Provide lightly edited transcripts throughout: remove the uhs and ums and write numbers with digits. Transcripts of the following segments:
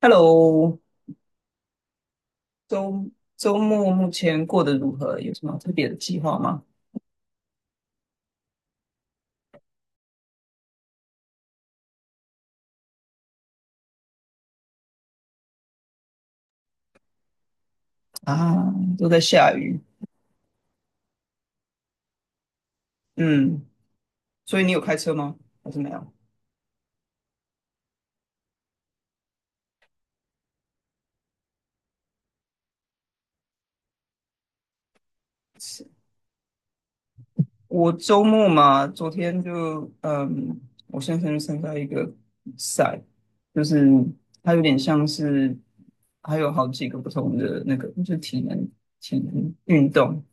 Hello，周周末目前过得如何？有什么特别的计划吗？啊，都在下雨。嗯，所以你有开车吗？还是没有？我周末嘛，昨天就我先生去参加一个比赛，就是它有点像是，还有好几个不同的那个，就是体能运动，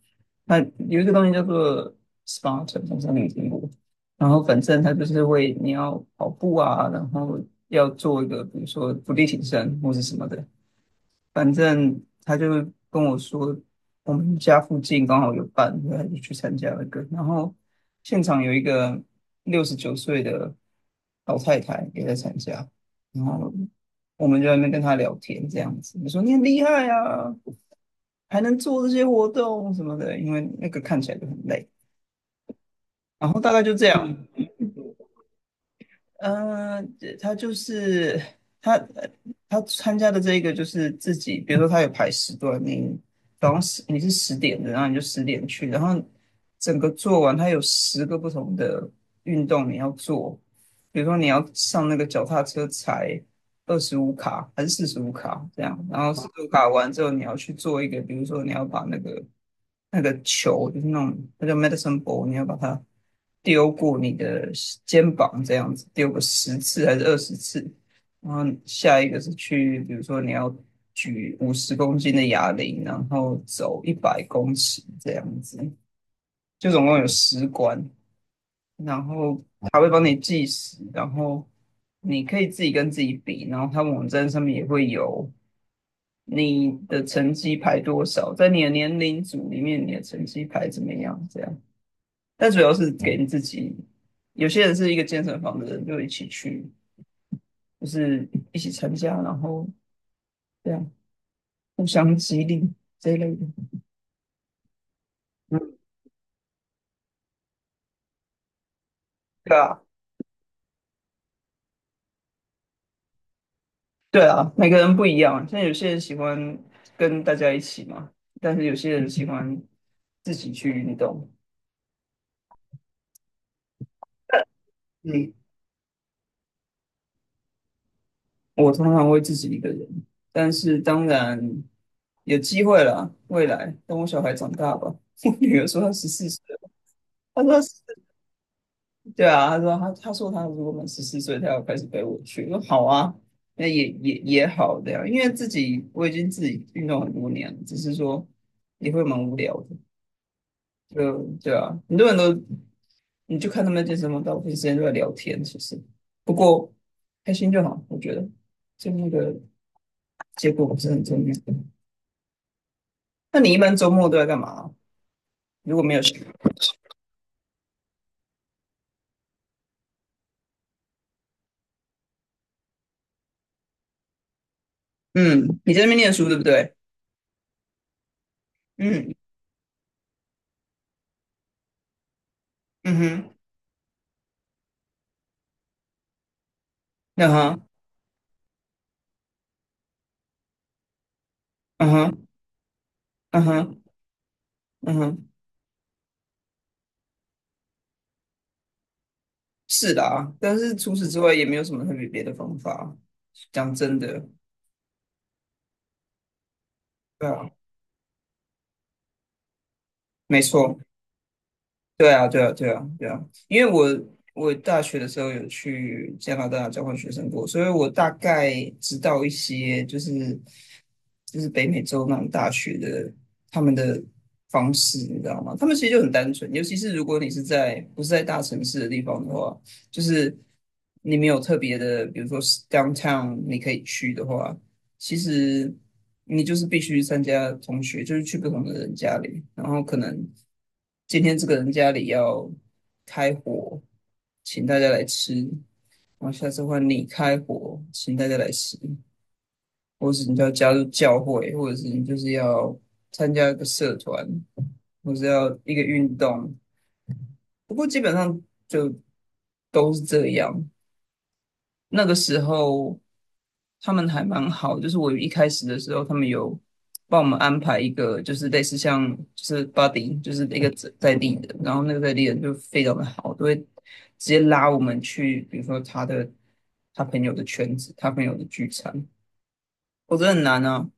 它有一个东西叫做 Spartan，好像你有听过。然后反正他就是会，你要跑步啊，然后要做一个比如说伏地挺身或是什么的，反正他就跟我说，我们家附近刚好有办，然后他就去参加那个。然后现场有一个69岁的老太太也在参加，然后我们就在那边跟她聊天，这样子。我说你很厉害啊，还能做这些活动什么的，因为那个看起来就很累。然后大概就这样，嗯，他就是他，呃他参加的这个就是自己，比如说他有排时段，你早上十你是十点的，然后你就十点去，然后整个做完，他有10个不同的运动你要做，比如说你要上那个脚踏车踩25卡还是四十五卡这样，然后四十五卡完之后你要去做一个，比如说你要把那个球，就是那种那叫 medicine ball，你要把它丢过你的肩膀，这样子丢个十次还是20次。然后下一个是去，比如说你要举50公斤的哑铃，然后走100公尺这样子，就总共有10关。然后他会帮你计时，然后你可以自己跟自己比，然后他网站上面也会有你的成绩排多少，在你的年龄组里面你的成绩排怎么样，这样。但主要是给你自己。有些人是一个健身房的人，就一起去，就是一起参加，然后这样互相激励这一类的。嗯，对啊，对啊，每个人不一样。像有些人喜欢跟大家一起嘛，但是有些人喜欢自己去运动。嗯，我通常会自己一个人，但是当然有机会啦，未来等我小孩长大吧。我女儿说她14岁了，她说对啊，他说他如果满十四岁，他要开始陪我去。我说好啊，那也好的呀，因为自己我已经自己运动很多年了，只是说也会蛮无聊的。就对啊，很多人都你就看他们健身房，大部分时间都在聊天，其实不过开心就好，我觉得就那个结果不是很重要。那你一般周末都在干嘛？如果没有事，嗯，你在那边念书对不对？嗯嗯哼，嗯哼，嗯哼，嗯哼，嗯哼。是啦，但是除此之外也没有什么特别别的方法。讲真的，对啊，没错，对啊，对啊，对啊，对啊。因为我大学的时候有去加拿大交换学生过，所以我大概知道一些，就是北美洲那种大学的他们的方式，你知道吗？他们其实就很单纯，尤其是如果你是不是在大城市的地方的话，就是你没有特别的，比如说 downtown 你可以去的话。其实你就是必须参加同学，就是去不同的人家里，然后可能今天这个人家里要开火，请大家来吃，然后下次换你开火，请大家来吃，或是你就要加入教会，或者是你就是要参加一个社团，或是要一个运动。不过基本上就都是这样。那个时候。他们还蛮好，就是我一开始的时候，他们有帮我们安排一个，就是类似像就是 buddy，就是一个在地的，然后那个在地人就非常的好，都会直接拉我们去，比如说他朋友的圈子，他朋友的聚餐，我觉得很难啊，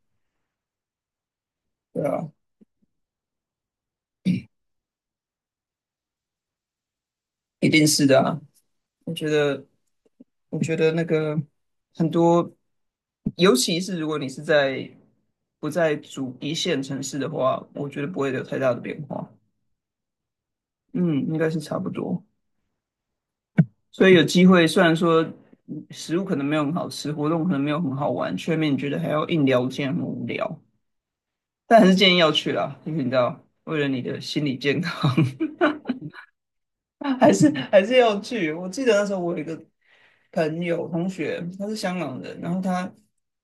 对啊，一定是的啊，我觉得我觉得那个很多，尤其是如果你是在不在主一线城市的话，我觉得不会有太大的变化。嗯，应该是差不多。所以有机会，虽然说食物可能没有很好吃，活动可能没有很好玩，却面你觉得还要硬聊，天很无聊。但还是建议要去啦，因为你知道，为了你的心理健康。还是要去。我记得那时候我有一个朋友同学，他是香港人，然后他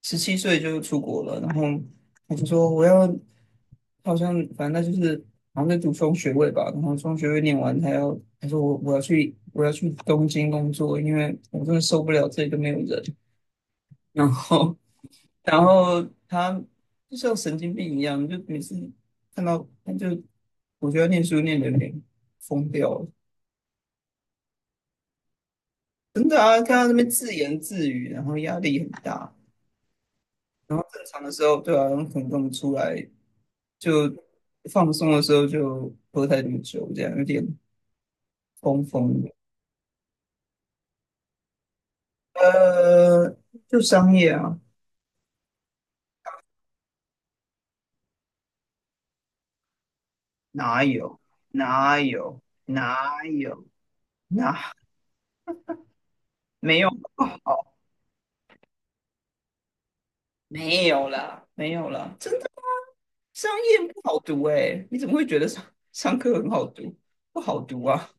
17岁就出国了，然后我就说我要，好像反正他就是好像在读双学位吧，然后双学位念完，他说我要去东京工作，因为我真的受不了这里都没有人。然后然后他就像神经病一样，就每次看到他就我觉得念书念的有点疯掉了，真的啊，看他那边自言自语，然后压力很大，然后正常的时候，对啊，然后可能跟我们出来就放松的时候就喝太多酒，这样有点疯疯的。呃，就商业啊，哪有哪有哪有哪没有不好，没有啦，没有啦，真的商业不好读哎、你怎么会觉得上商科很好读？不好读啊！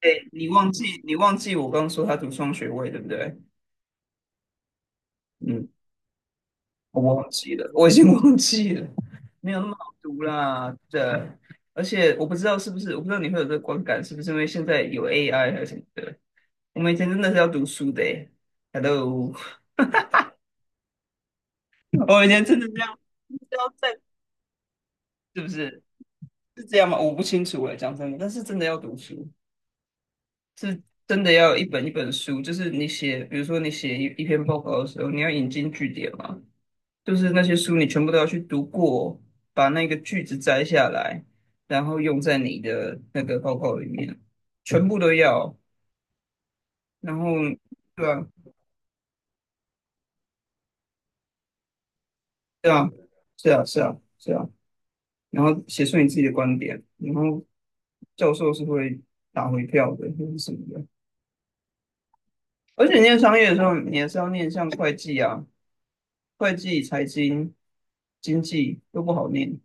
哎、你忘记我刚刚说他读双学位对不对？嗯，我忘记了，我已经忘记了，没有那么好读啦。对，而且我不知道是不是，我不知道你会有这个观感，是不是因为现在有 AI 还是什么的？我们以前真的是要读书的诶，Hello，我们以前真的是要在，是不是这样吗？我不清楚诶，讲真的，但是真的要读书，是真的要一本一本书，就是你写，比如说你写一篇报告的时候，你要引经据典嘛。就是那些书你全部都要去读过，把那个句子摘下来，然后用在你的那个报告里面，全部都要。然后，对啊，对啊，是啊，是啊，是啊。然后写出你自己的观点，然后教授是会打回票的，或是什么的。而且念商业的时候，你还是要念像会计啊、会计、财经、经济都不好念。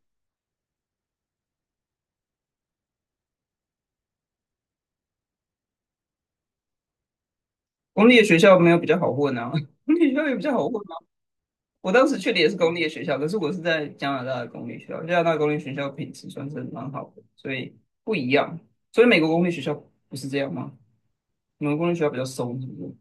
公立的学校没有比较好混啊，公立学校也比较好混。我当时去的也是公立的学校，可是我是在加拿大的公立学校，加拿大公立学校品质算是蛮好的，所以不一样。所以美国公立学校不是这样吗？美国公立学校比较松，是不是？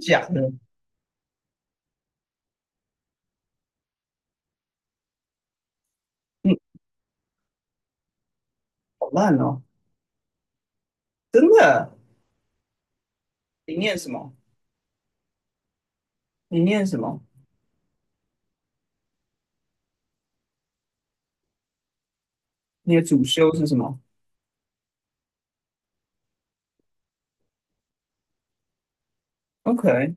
假的，嗯，好烂哦，真的。你念什么？你念什么？你的主修是什么？OK，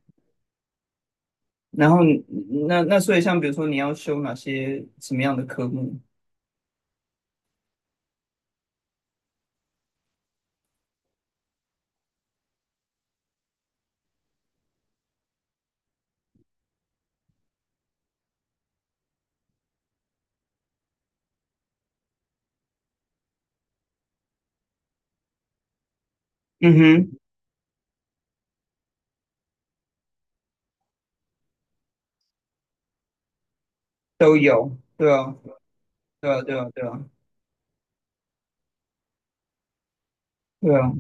然后你那所以像比如说你要修哪些什么样的科目？嗯哼，都有，对啊，对啊，对啊，对啊，对啊。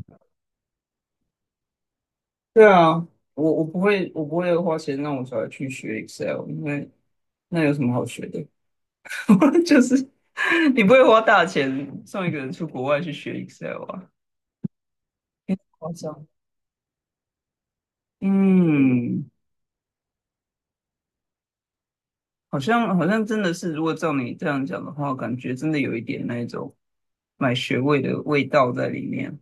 对啊，我不会，我不会花钱让我小孩去学 Excel，因为那有什么好学的？就是你不会花大钱送一个人出国外去学 Excel 啊？夸张。嗯，好像真的是，如果照你这样讲的话，感觉真的有一点那一种买学位的味道在里面，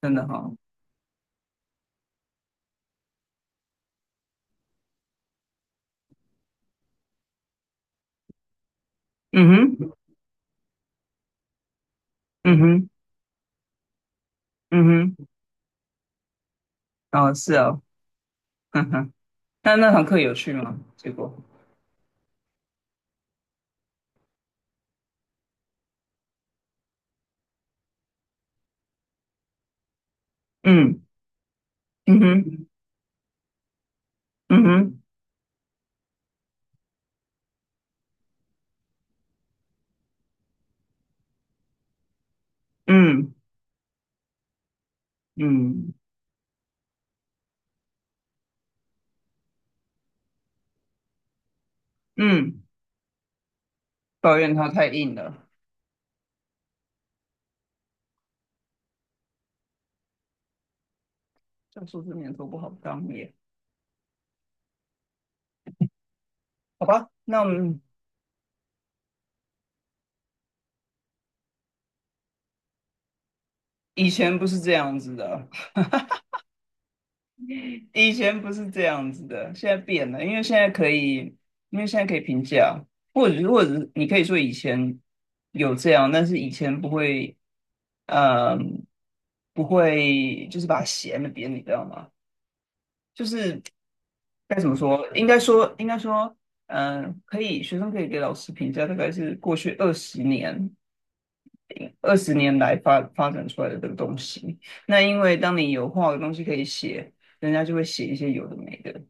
真的哈、嗯哼，嗯哼，嗯哼，啊是啊、哦，哼哼，那那堂课有趣吗？结果，嗯，嗯哼，嗯哼，嗯。嗯嗯，抱怨它太硬了，教硕士年头不好当耶。好吧，那我们以前不是这样子的，以前不是这样子的，现在变了，因为现在可以评价，或者是你可以说以前有这样，但是以前不会，嗯，不会就是把弦的扁，你知道吗？该怎么说？应该说，应该说，嗯，可以，学生可以给老师评价，大概是过去二十年。二十年来发展出来的这个东西。那因为当你有画的东西可以写，人家就会写一些有的没的。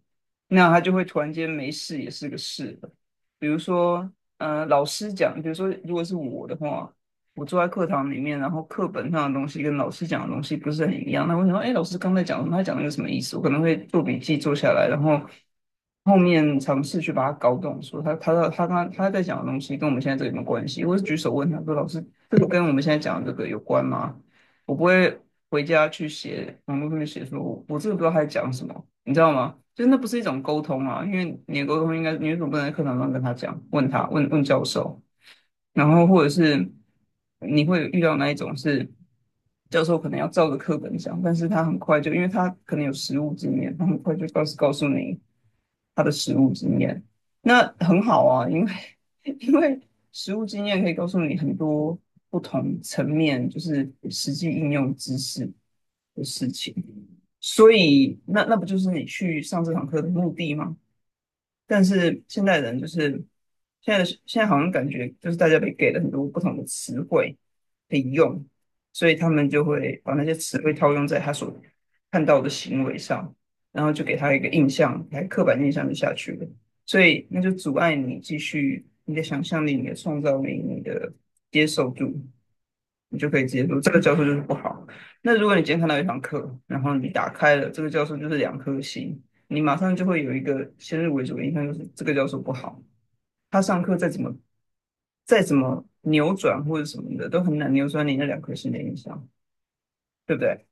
那他就会突然间没事也是个事了。比如说，嗯，老师讲，比如说，如果是我的话，我坐在课堂里面，然后课本上的东西跟老师讲的东西不是很一样，那我想说，哎，老师刚才讲什么？他讲的个什么意思？我可能会做笔记做下来，然后后面尝试去把它搞懂，说他在讲的东西跟我们现在这有没有关系？我是举手问他说，老师，这个跟我们现在讲的这个有关吗？我不会回家去写网络上面写说我真的不知道他在讲什么，你知道吗？就是那不是一种沟通啊，因为你的沟通应该你为什么不能在课堂上跟他讲，问问教授？然后或者是你会遇到那一种是教授可能要照着课本讲，但是他很快就，因为他可能有实务经验，他很快就告诉你他的实务经验，那很好啊，因为 因为实务经验可以告诉你很多不同层面，就是实际应用知识的事情，所以那不就是你去上这堂课的目的吗？但是现代人就是现在好像感觉就是大家被给了很多不同的词汇可以用，所以他们就会把那些词汇套用在他所看到的行为上，然后就给他一个印象，来刻板印象就下去了，所以那就阻碍你继续你的想象力、你的创造力、你的接受度，你就可以接受这个教授就是不好。那如果你今天看到一堂课，然后你打开了这个教授就是2颗星。你马上就会有一个先入为主的印象，就是这个教授不好，他上课再怎么扭转或者什么的，都很难扭转你那2颗心的印象，对不对？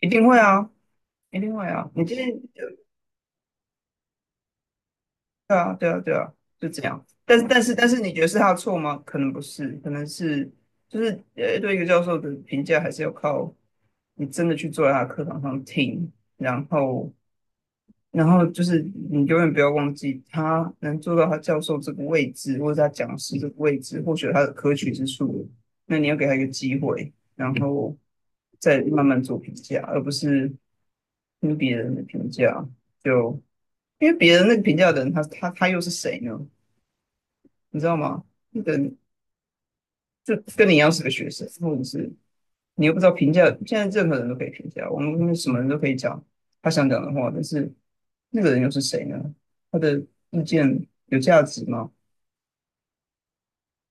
一定会啊，一定会啊。你今天对啊，对啊，对啊，就这样。但是，你觉得是他的错吗？可能不是，可能是就是对一个教授的评价还是要靠你真的去坐在他的课堂上听，然后就是你永远不要忘记，他能做到他教授这个位置，或者他讲师这个位置，或许他的可取之处，那你要给他一个机会，然后再慢慢做评价，而不是听别人的评价。就因为别人那个评价的人，他又是谁呢？你知道吗？那个人就跟你一样是个学生，或者是你又不知道评价。现在任何人都可以评价，我们什么人都可以讲他想讲的话，但是那个人又是谁呢？他的意见有价值吗？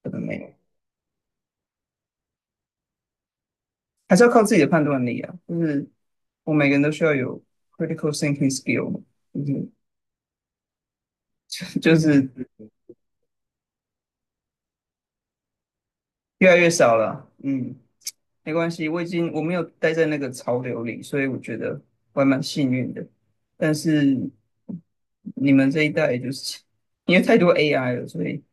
可能没有，还是要靠自己的判断力啊。就是我每个人都需要有 critical thinking skill，嗯，就是越来越少了。嗯，没关系，我已经我没有待在那个潮流里，所以我觉得我还蛮幸运的。但是你们这一代就是因为太多 AI 了，所以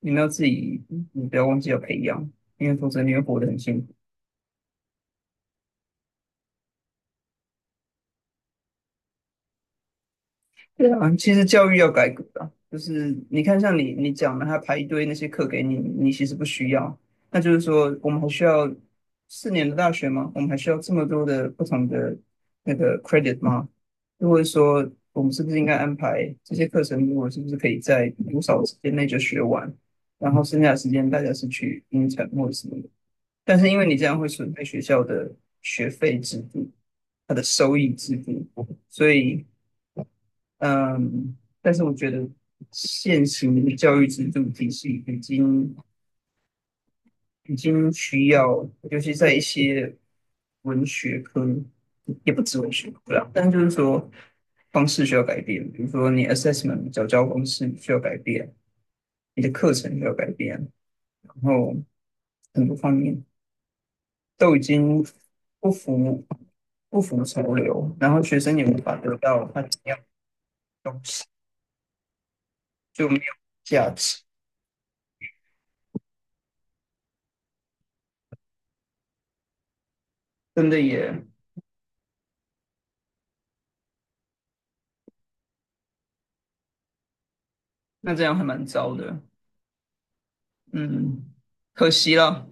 你们要自己，你不要忘记要培养，因为否则你会活得很辛苦。对啊，其实教育要改革啊，就是你看，像你讲的，他排一堆那些课给你，你其实不需要。那就是说，我们还需要4年的大学吗？我们还需要这么多的不同的那个 credit 吗？如果说我们是不是应该安排这些课程，如果是不是可以在多少时间内就学完，然后剩下的时间大家是去英产或者什么的？但是因为你这样会损害学校的学费制度，它的收益制度，所以。嗯，但是我觉得现行的教育制度体系已经需要，尤其在一些文学科，也不止文学科啦，但就是说方式需要改变，比如说你 assessment 缴教方式需要改变，你的课程需要改变，然后很多方面都已经不符不符潮流，然后学生也无法得到他想要的东西，就没有价值，真的也那这样还蛮糟的。嗯，可惜了，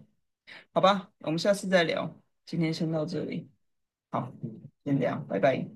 好吧，我们下次再聊，今天先到这里，好，先这样，拜拜。